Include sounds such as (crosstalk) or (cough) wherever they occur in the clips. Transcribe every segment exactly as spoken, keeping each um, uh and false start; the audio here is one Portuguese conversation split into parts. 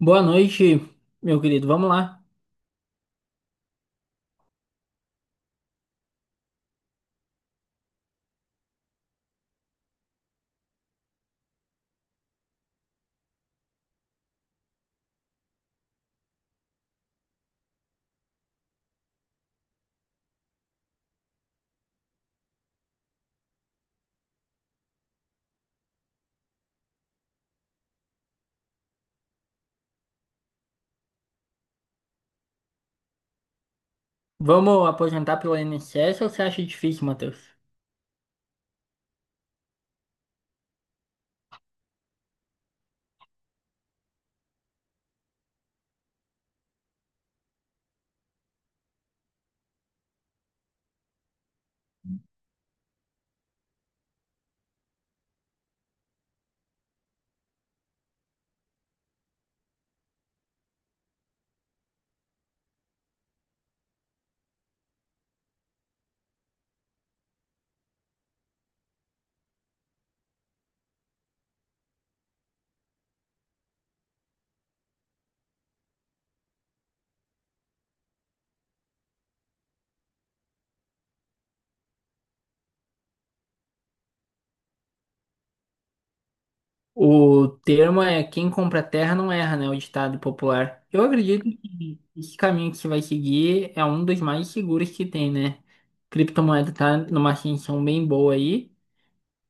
Boa noite, meu querido. Vamos lá. Vamos aposentar pelo I N S S ou você acha difícil, Matheus? O termo é quem compra terra não erra, né? O ditado popular. Eu acredito que esse caminho que você vai seguir é um dos mais seguros que tem, né? Criptomoeda tá numa ascensão bem boa aí.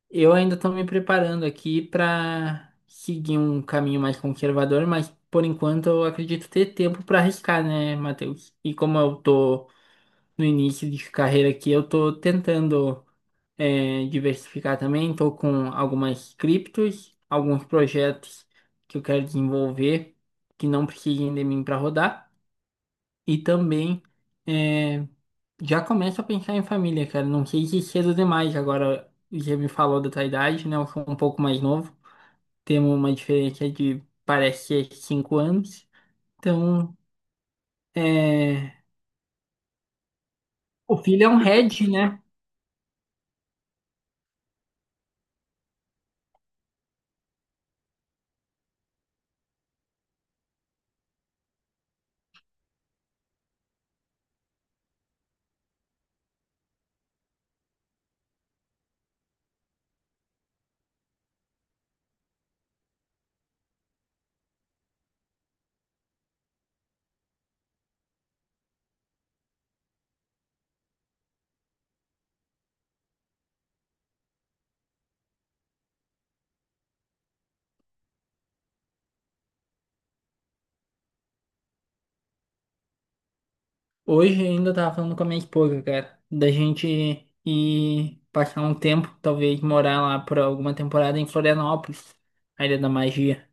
Eu ainda estou me preparando aqui para seguir um caminho mais conservador, mas por enquanto eu acredito ter tempo para arriscar, né, Matheus? E como eu tô no início de carreira aqui, eu tô tentando é, diversificar também, tô com algumas criptos, alguns projetos que eu quero desenvolver que não precisem de mim para rodar e também é, já começo a pensar em família, cara. Não sei se cedo demais agora, já me falou da tua idade, né? Eu sou um pouco mais novo, temos uma diferença de parece ser cinco anos, então é, o filho é um head, né? Hoje ainda eu tava falando com a minha esposa, cara, da gente ir passar um tempo, talvez morar lá por alguma temporada em Florianópolis, a Ilha da Magia.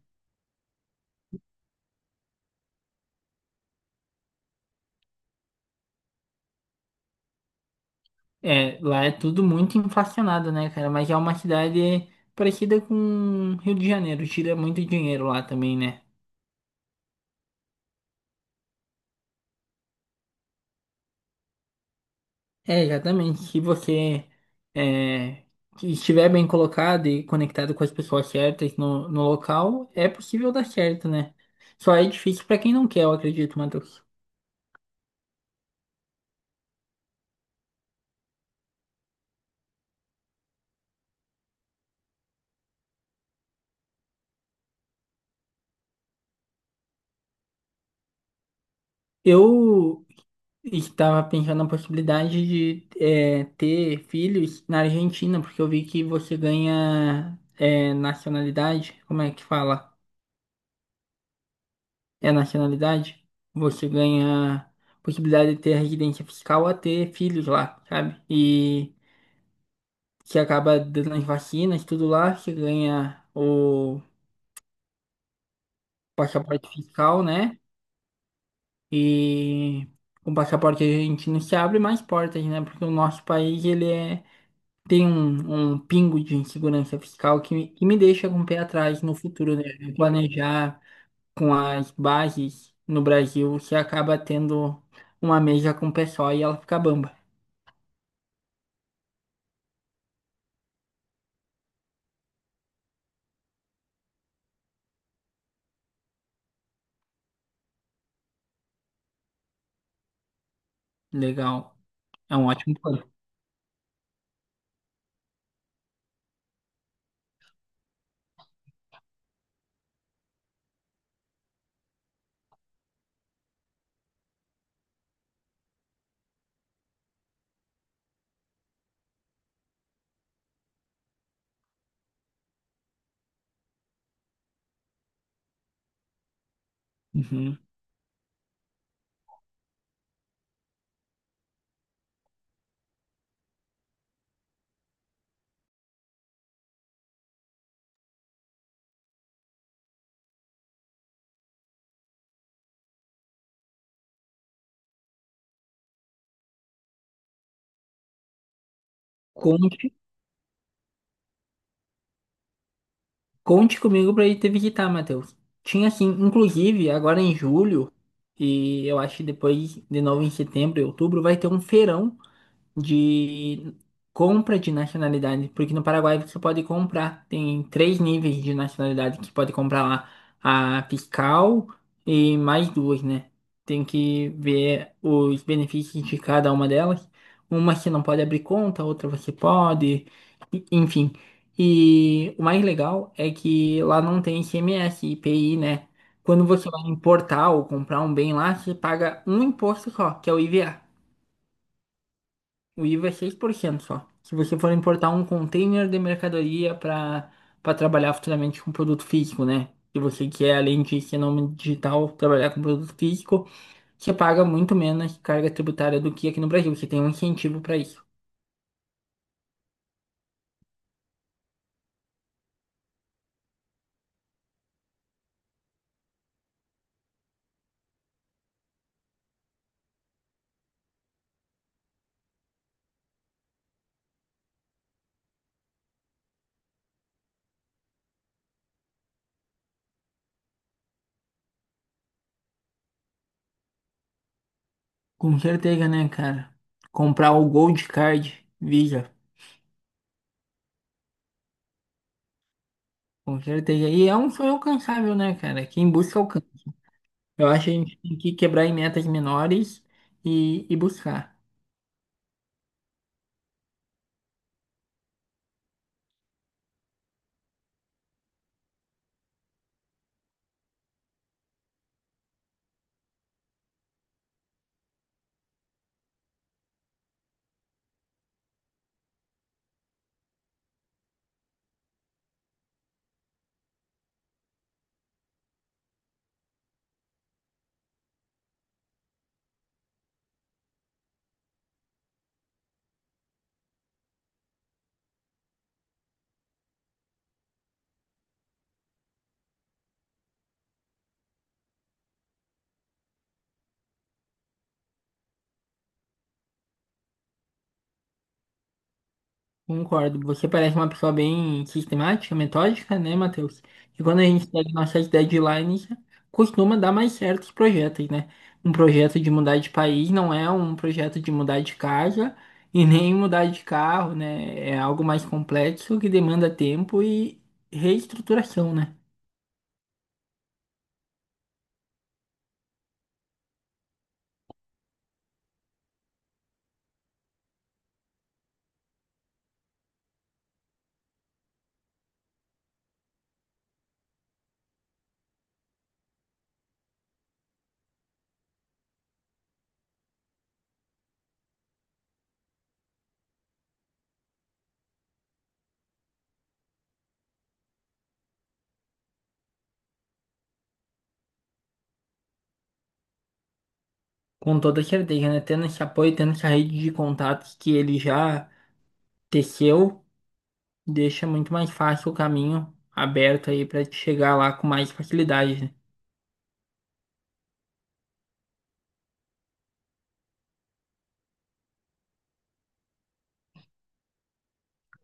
É, lá é tudo muito inflacionado, né, cara? Mas é uma cidade parecida com Rio de Janeiro, tira muito dinheiro lá também, né? É, exatamente. Se você é, estiver bem colocado e conectado com as pessoas certas no, no local, é possível dar certo, né? Só é difícil pra quem não quer, eu acredito, Matheus. Eu estava pensando na possibilidade de é, ter filhos na Argentina, porque eu vi que você ganha é, nacionalidade. Como é que fala? É nacionalidade? Você ganha possibilidade de ter residência fiscal a ter filhos lá, sabe? E você acaba dando as vacinas, tudo lá, você ganha o passaporte fiscal, né? E com o passaporte argentino se abre mais portas, né? Porque o nosso país, ele é tem um, um pingo de insegurança fiscal que me, que me deixa com o pé atrás no futuro, né? Planejar com as bases no Brasil, você acaba tendo uma mesa com o pessoal e ela fica bamba. Legal. É um ótimo plano. Uhum. Conte, conte comigo para ir te visitar, Matheus. Tinha assim, inclusive, agora em julho, e eu acho que depois, de novo em setembro e outubro, vai ter um feirão de compra de nacionalidade, porque no Paraguai você pode comprar, tem três níveis de nacionalidade que pode comprar lá, a fiscal e mais duas, né? Tem que ver os benefícios de cada uma delas. Uma você não pode abrir conta, outra você pode, e- enfim. E o mais legal é que lá não tem I C M S, I P I, né? Quando você vai importar ou comprar um bem lá, você paga um imposto só, que é o I V A. O I V A é seis por cento só. Se você for importar um container de mercadoria para para trabalhar futuramente com produto físico, né? Se você quer, além de ser nome digital, trabalhar com produto físico, você paga muito menos carga tributária do que aqui no Brasil. Você tem um incentivo para isso. Com certeza, né, cara? Comprar o Gold Card Visa. Com certeza. E é um sonho alcançável, né, cara? Quem busca alcança. Eu acho que a gente tem que quebrar em metas menores e, e buscar. Concordo. Você parece uma pessoa bem sistemática, metódica, né, Matheus? E quando a gente segue nossas deadlines, costuma dar mais certos projetos, né? Um projeto de mudar de país não é um projeto de mudar de casa e (laughs) nem mudar de carro, né? É algo mais complexo que demanda tempo e reestruturação, né? Com toda certeza, né? Tendo esse apoio, tendo essa rede de contatos que ele já teceu, deixa muito mais fácil o caminho aberto aí para chegar lá com mais facilidade, né?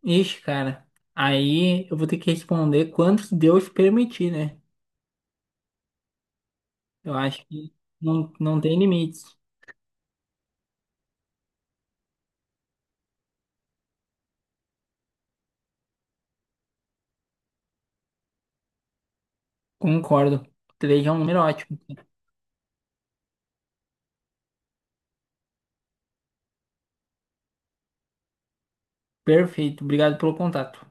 Ixi, cara, aí eu vou ter que responder quanto Deus permitir, né? Eu acho que não, não tem limites. Concordo. Três é um número ótimo. Perfeito, obrigado pelo contato.